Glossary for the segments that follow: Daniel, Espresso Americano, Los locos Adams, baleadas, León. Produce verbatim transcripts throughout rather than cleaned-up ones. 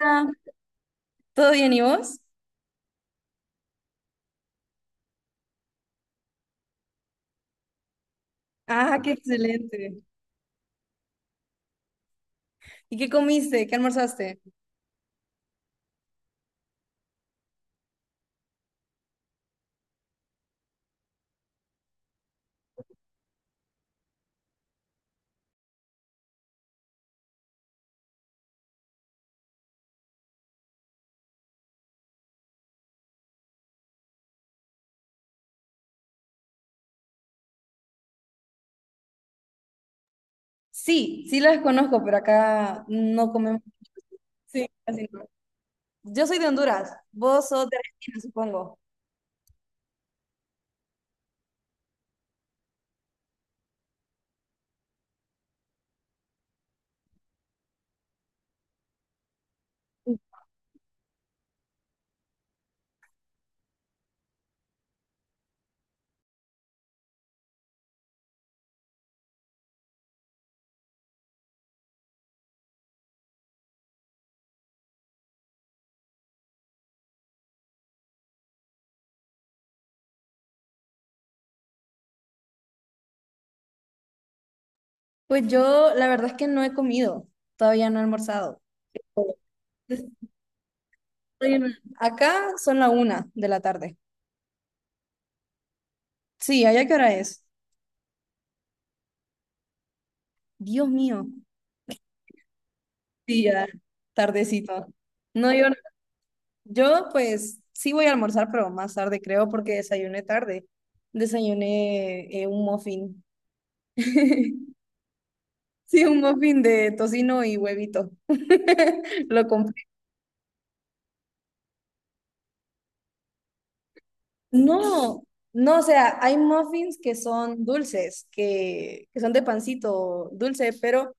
Ah, ¿todo bien y vos? Ah, qué excelente. ¿Y qué comiste? ¿Qué almorzaste? Sí, sí las conozco, pero acá no comemos. Sí, casi no. Yo soy de Honduras, vos sos de Argentina, supongo. Pues yo la verdad es que no he comido, todavía no he almorzado. Estoy en- acá son la una de la tarde. Sí, ¿allá qué hora es? Dios mío. Sí, ya, tardecito. No, yo no. Yo pues sí voy a almorzar, pero más tarde creo porque desayuné tarde. Desayuné eh, un muffin. Sí, un muffin de tocino y huevito. Lo compré. No, no, o sea, hay muffins que son dulces, que, que son de pancito dulce, pero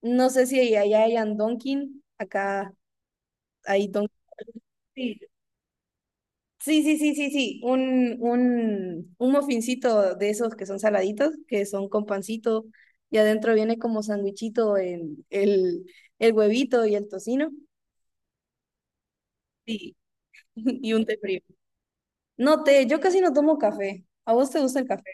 no sé si allá hayan Dunkin', acá hay Dunkin'. Sí, sí, sí, sí, sí. Un, un, un mofincito de esos que son saladitos, que son con pancito, y adentro viene como sandwichito en el, el huevito y el tocino. Sí, y un té frío. No té, yo casi no tomo café. ¿A vos te gusta el café?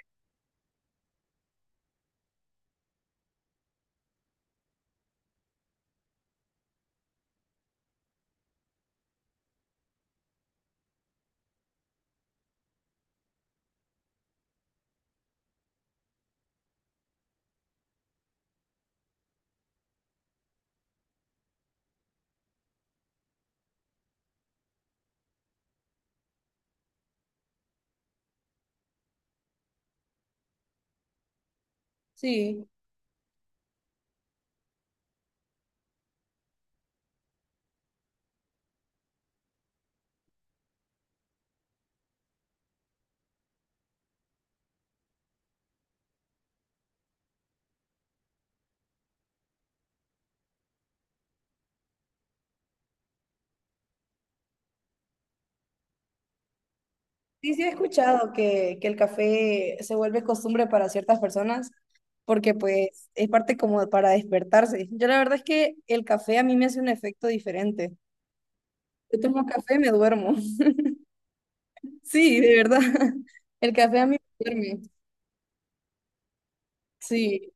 Sí. Sí, sí he escuchado que, que el café se vuelve costumbre para ciertas personas, porque pues es parte como para despertarse. Yo la verdad es que el café a mí me hace un efecto diferente. Yo tomo café y me duermo. Sí, de verdad. El café a mí me duerme. Sí,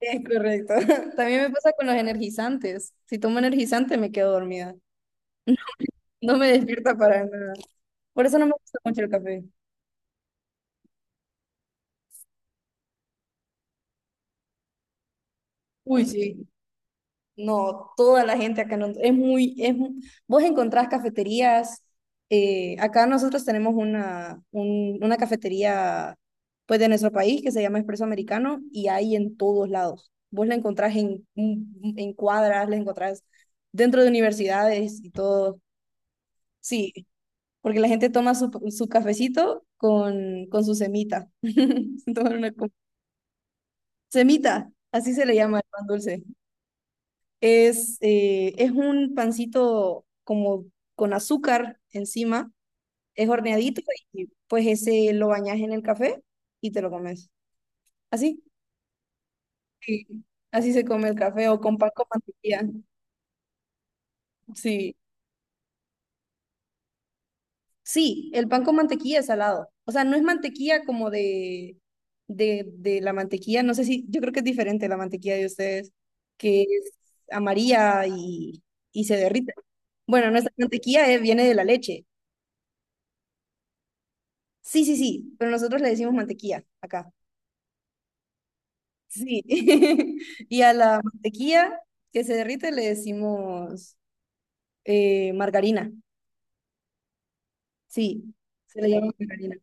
es correcto. También me pasa con los energizantes. Si tomo energizante me quedo dormida. No me despierta para nada. Por eso no me gusta mucho el café. Uy, sí. No, toda la gente acá no, es muy, es, mu- vos encontrás cafeterías, eh, acá nosotros tenemos una, un- una cafetería pues de nuestro país que se llama Espresso Americano y hay en todos lados. Vos la encontrás en, en en cuadras, la encontrás dentro de universidades y todo. Sí, porque la gente toma su, su cafecito con, con su semita. Se toman una co- semita, así se le llama el pan dulce. Es, eh, es un pancito como con azúcar encima, es horneadito y pues ese lo bañas en el café y te lo comes. Así, sí, así se come el café o con pan con mantequilla. Sí, sí, el pan con mantequilla es salado. O sea, no es mantequilla como de, de, de la mantequilla, no sé si, yo creo que es diferente la mantequilla de ustedes, que es amarilla y, y se derrite. Bueno, nuestra mantequilla eh, viene de la leche. Sí, sí, sí, pero nosotros le decimos mantequilla acá. Sí. Y a la mantequilla que se derrite le decimos eh, margarina. Sí, se le llama margarina.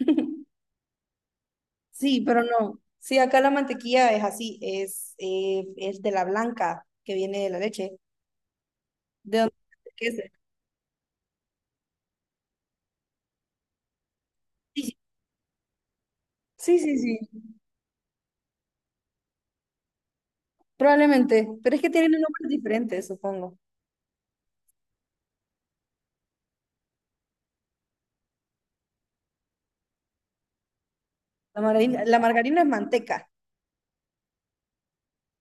Sí, pero no. Sí, acá la mantequilla es así, es, eh, es de la blanca que viene de la leche. ¿De dónde? ¿Qué es? Sí, sí, sí, sí, probablemente. Pero es que tienen nombres diferentes, supongo. La margarina, la margarina es manteca.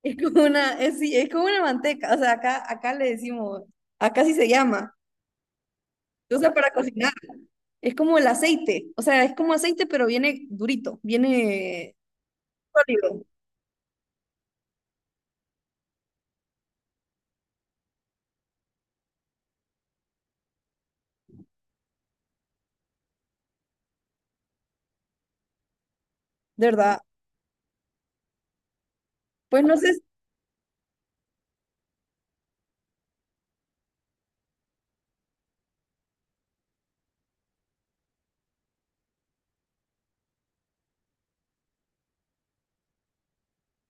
Es como una, es, sí, es como una manteca, o sea, acá, acá le decimos, acá sí se llama, se usa para cocinar, es como el aceite, o sea, es como aceite, pero viene durito, viene sólido, de verdad. Pues no sé, si-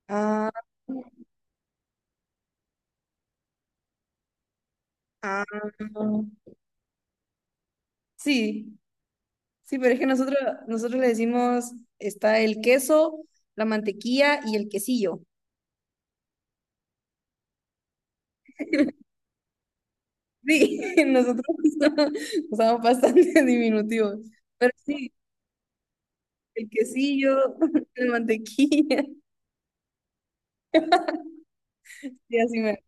ah, ah, sí, sí, pero es que nosotros, nosotros le decimos, está el queso, la mantequilla y el quesillo. Sí, nosotros usamos, usamos bastante diminutivos, pero sí, el quesillo, la mantequilla. Sí, así me-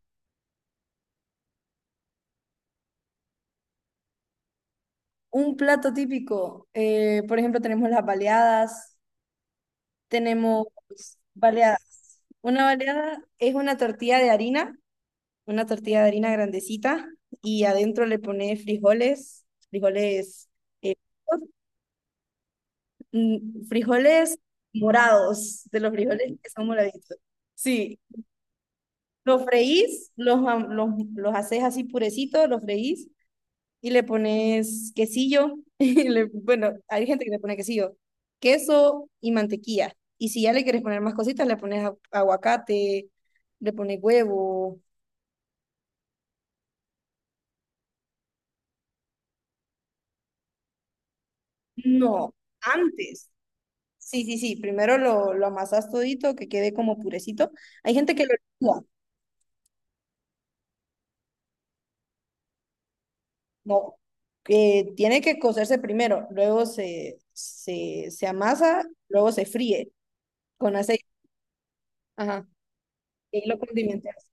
un plato típico, eh, por ejemplo, tenemos las baleadas, tenemos baleadas. Una baleada es una tortilla de harina, una tortilla de harina grandecita, y adentro le pones frijoles, frijoles, eh, mm, frijoles morados, de los frijoles que son moraditos. Sí, los freís, los, am- los, los haces así purecitos, los freís, y le pones quesillo, y le- bueno, hay gente que le pone quesillo, queso y mantequilla. Y si ya le quieres poner más cositas, le pones a- aguacate, le pones huevo. No, antes. Sí, sí, sí, primero lo, lo amasas todito, que quede como purecito. Hay gente que lo licúa, no, que tiene que cocerse primero, luego se, se, se amasa, luego se fríe con aceite. Ajá. Y ahí lo condimentas.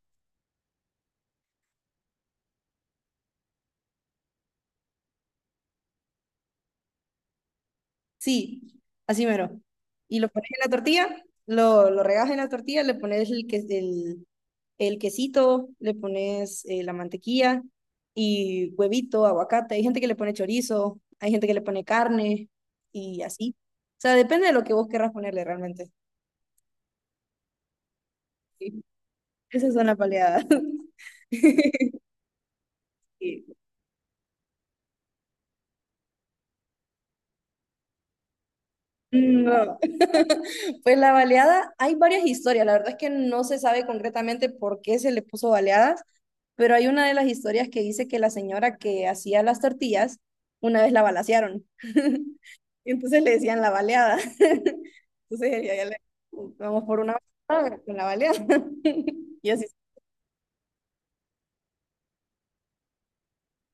Sí, así mero. Y lo pones en la tortilla, lo, lo regas en la tortilla, le pones el, que- el, el quesito, le pones eh, la mantequilla y huevito, aguacate. Hay gente que le pone chorizo, hay gente que le pone carne y así. O sea, depende de lo que vos querrás ponerle realmente. Sí, esas son las baleadas. Sí. No. Pues la baleada, hay varias historias. La verdad es que no se sabe concretamente por qué se le puso baleadas. Pero hay una de las historias que dice que la señora que hacía las tortillas, una vez la balacearon. Y entonces le decían la baleada. Entonces ella ya le, vamos por una baleada con la baleada. Y así,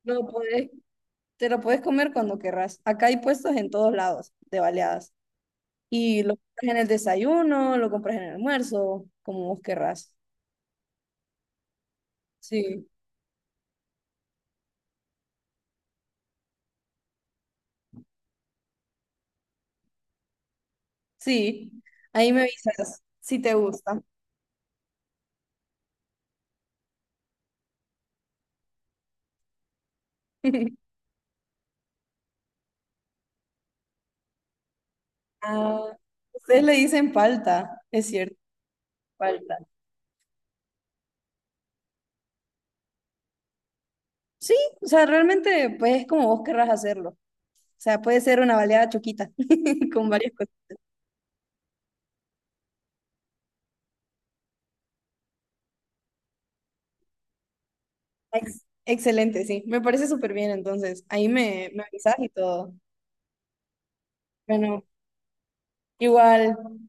no puedes, te lo puedes comer cuando querrás. Acá hay puestos en todos lados de baleadas. Y lo compras en el desayuno, lo compras en el almuerzo, como vos querrás. Sí, sí. Ahí me avisas si te gusta. Ah, ustedes le dicen palta, es cierto. Falta. Sí, o sea, realmente pues es como vos querrás hacerlo. O sea, puede ser una baleada choquita con varias cosas. Ex- excelente, sí. Me parece súper bien, entonces. Ahí me, me avisas y todo. Bueno, igual,